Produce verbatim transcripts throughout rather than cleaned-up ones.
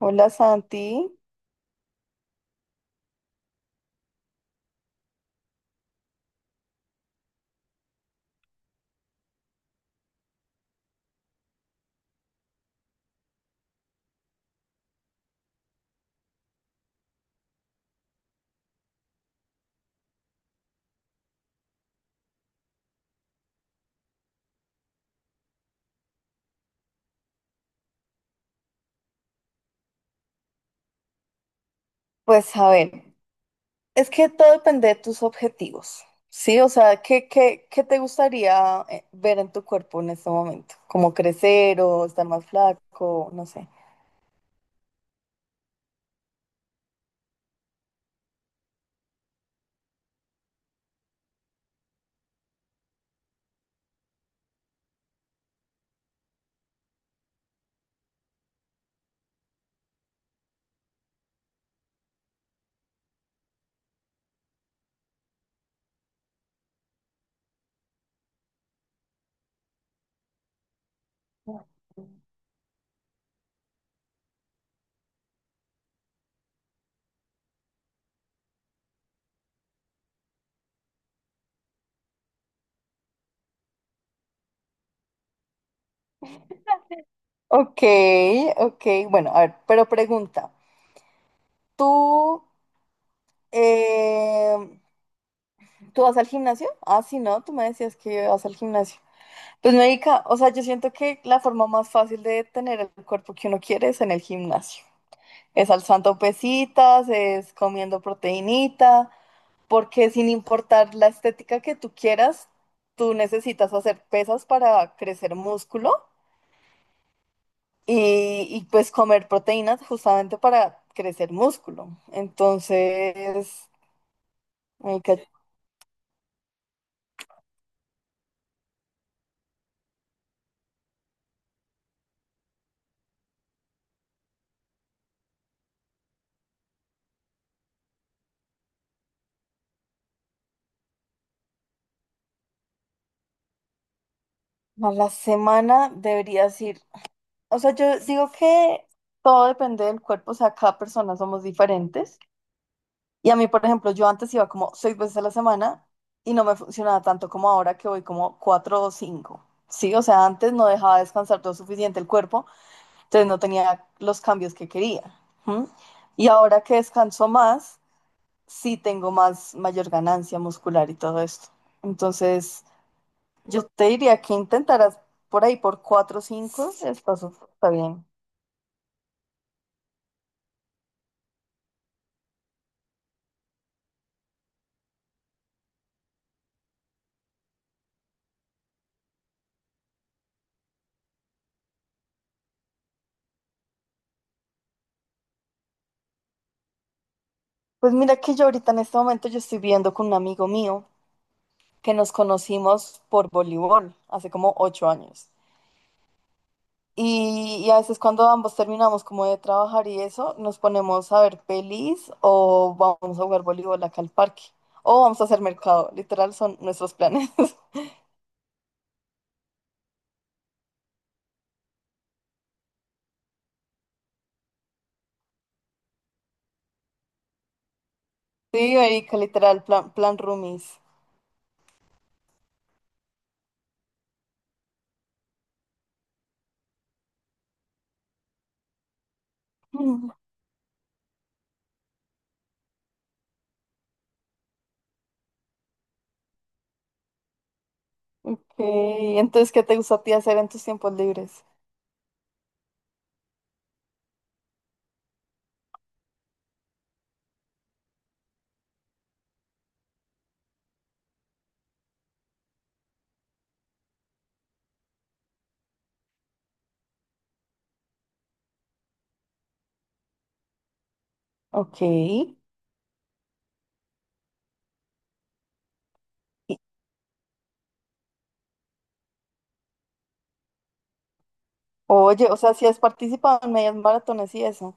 Hola Santi. Pues a ver, es que todo depende de tus objetivos, ¿sí? O sea, ¿qué, qué, qué te gustaría eh, ver en tu cuerpo en este momento? ¿Como crecer o estar más flaco? No sé. Ok, ok, bueno, a ver, pero pregunta, ¿tú, eh, ¿tú vas al gimnasio? Ah, sí, no, tú me decías que vas al gimnasio. Pues médica, o sea, yo siento que la forma más fácil de tener el cuerpo que uno quiere es en el gimnasio. Es alzando pesitas, es comiendo proteínita, porque sin importar la estética que tú quieras, tú necesitas hacer pesas para crecer músculo y, y, pues comer proteínas justamente para crecer músculo. Entonces, marica, a la semana deberías ir. O sea, yo digo que todo depende del cuerpo, o sea, cada persona somos diferentes. Y a mí, por ejemplo, yo antes iba como seis veces a la semana y no me funcionaba tanto como ahora que voy como cuatro o cinco. Sí, o sea, antes no dejaba descansar lo suficiente el cuerpo, entonces no tenía los cambios que quería. ¿M? Y ahora que descanso más, sí tengo más, mayor ganancia muscular y todo esto. Entonces, yo te diría que intentaras por ahí por cuatro o cinco, estás- está bien. Pues mira que yo ahorita en este momento yo estoy viendo con un amigo mío que nos conocimos por voleibol hace como ocho años. Y, y a veces cuando ambos terminamos como de trabajar y eso, nos ponemos a ver pelis o vamos a jugar voleibol acá al parque o vamos a hacer mercado. Literal son nuestros planes. Sí, Erika, literal, plan, plan roomies. Mm. Ok, entonces, ¿qué te gusta a ti hacer en tus tiempos libres? Ok. Y- Oye, o sea, si has participado en medias maratones y eso.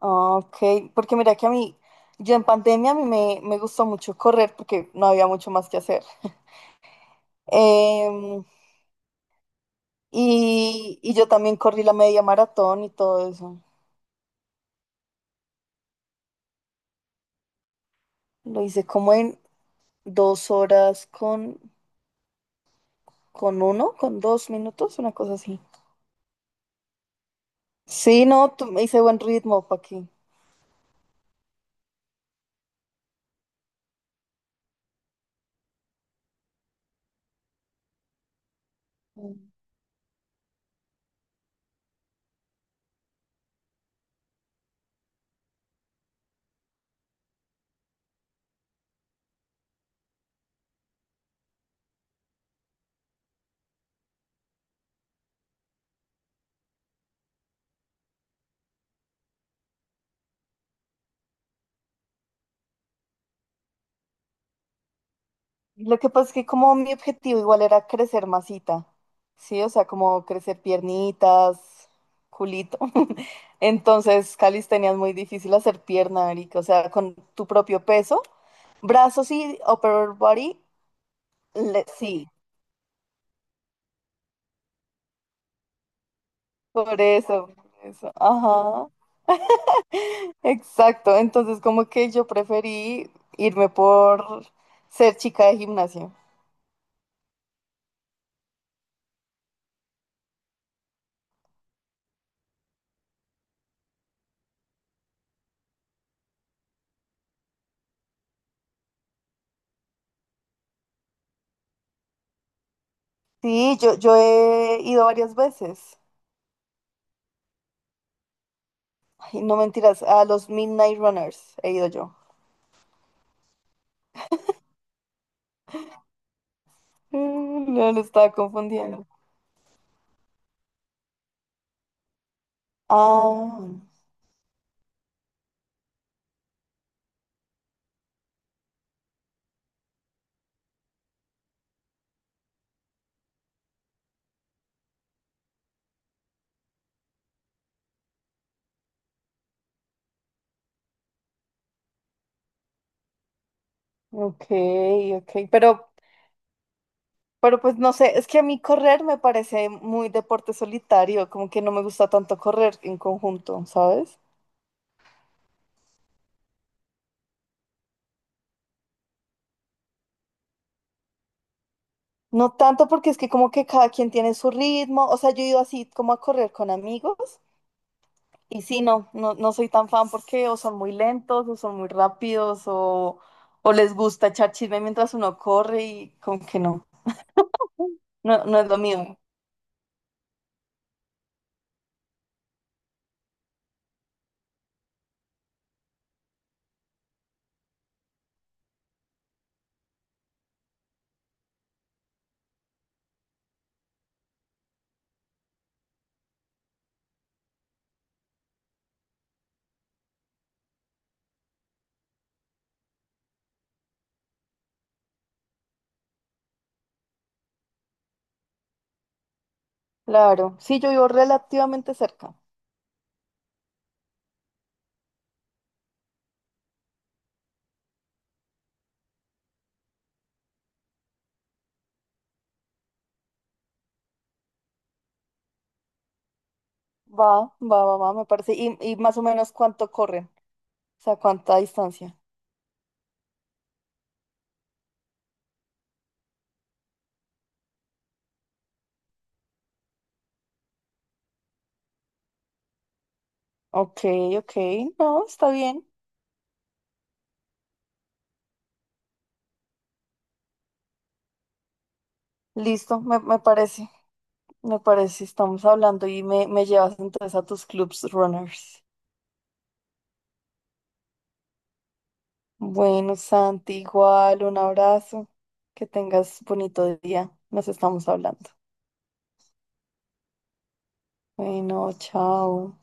Ok, porque mira que a mí, yo en pandemia a mí me, me gustó mucho correr porque no había mucho más que hacer. Em, y, y yo también corrí la media maratón y todo eso. Lo hice como en dos horas con, con uno, con dos minutos, una cosa así. Sí, no, tu me hice buen ritmo, pa' aquí. Lo que pasa es que como mi objetivo igual era crecer masita, ¿sí? O sea, como crecer piernitas, culito. Entonces, calistenia es muy difícil hacer pierna, marica. O sea, con tu propio peso, brazos y upper body, le- sí, por eso, por eso. Ajá, exacto. Entonces, como que yo preferí irme por ser chica de gimnasio. Sí, yo, yo he ido varias veces. Ay, no mentiras, a los Midnight Runners he ido yo. Mm, no lo estaba confundiendo. Ah, ok, ok. Pero, pero pues no sé, es que a mí correr me parece muy deporte solitario, como que no me gusta tanto correr en conjunto, ¿sabes? No tanto porque es que como que cada quien tiene su ritmo, o sea, yo he ido así como a correr con amigos y sí, no, no, no soy tan fan porque o son muy lentos o son muy rápidos o, o les gusta echar chisme mientras uno corre y como que no. No, no es lo mío. Claro. Sí, yo vivo relativamente cerca. Va, va, va, va, me parece. Y, y más o menos cuánto corren. O sea, cuánta distancia. Ok, ok. No, está bien. Listo, me, me parece. Me parece, estamos hablando y me, me llevas entonces a tus clubs runners. Bueno, Santi, igual, un abrazo. Que tengas bonito día. Nos estamos hablando. Bueno, chao.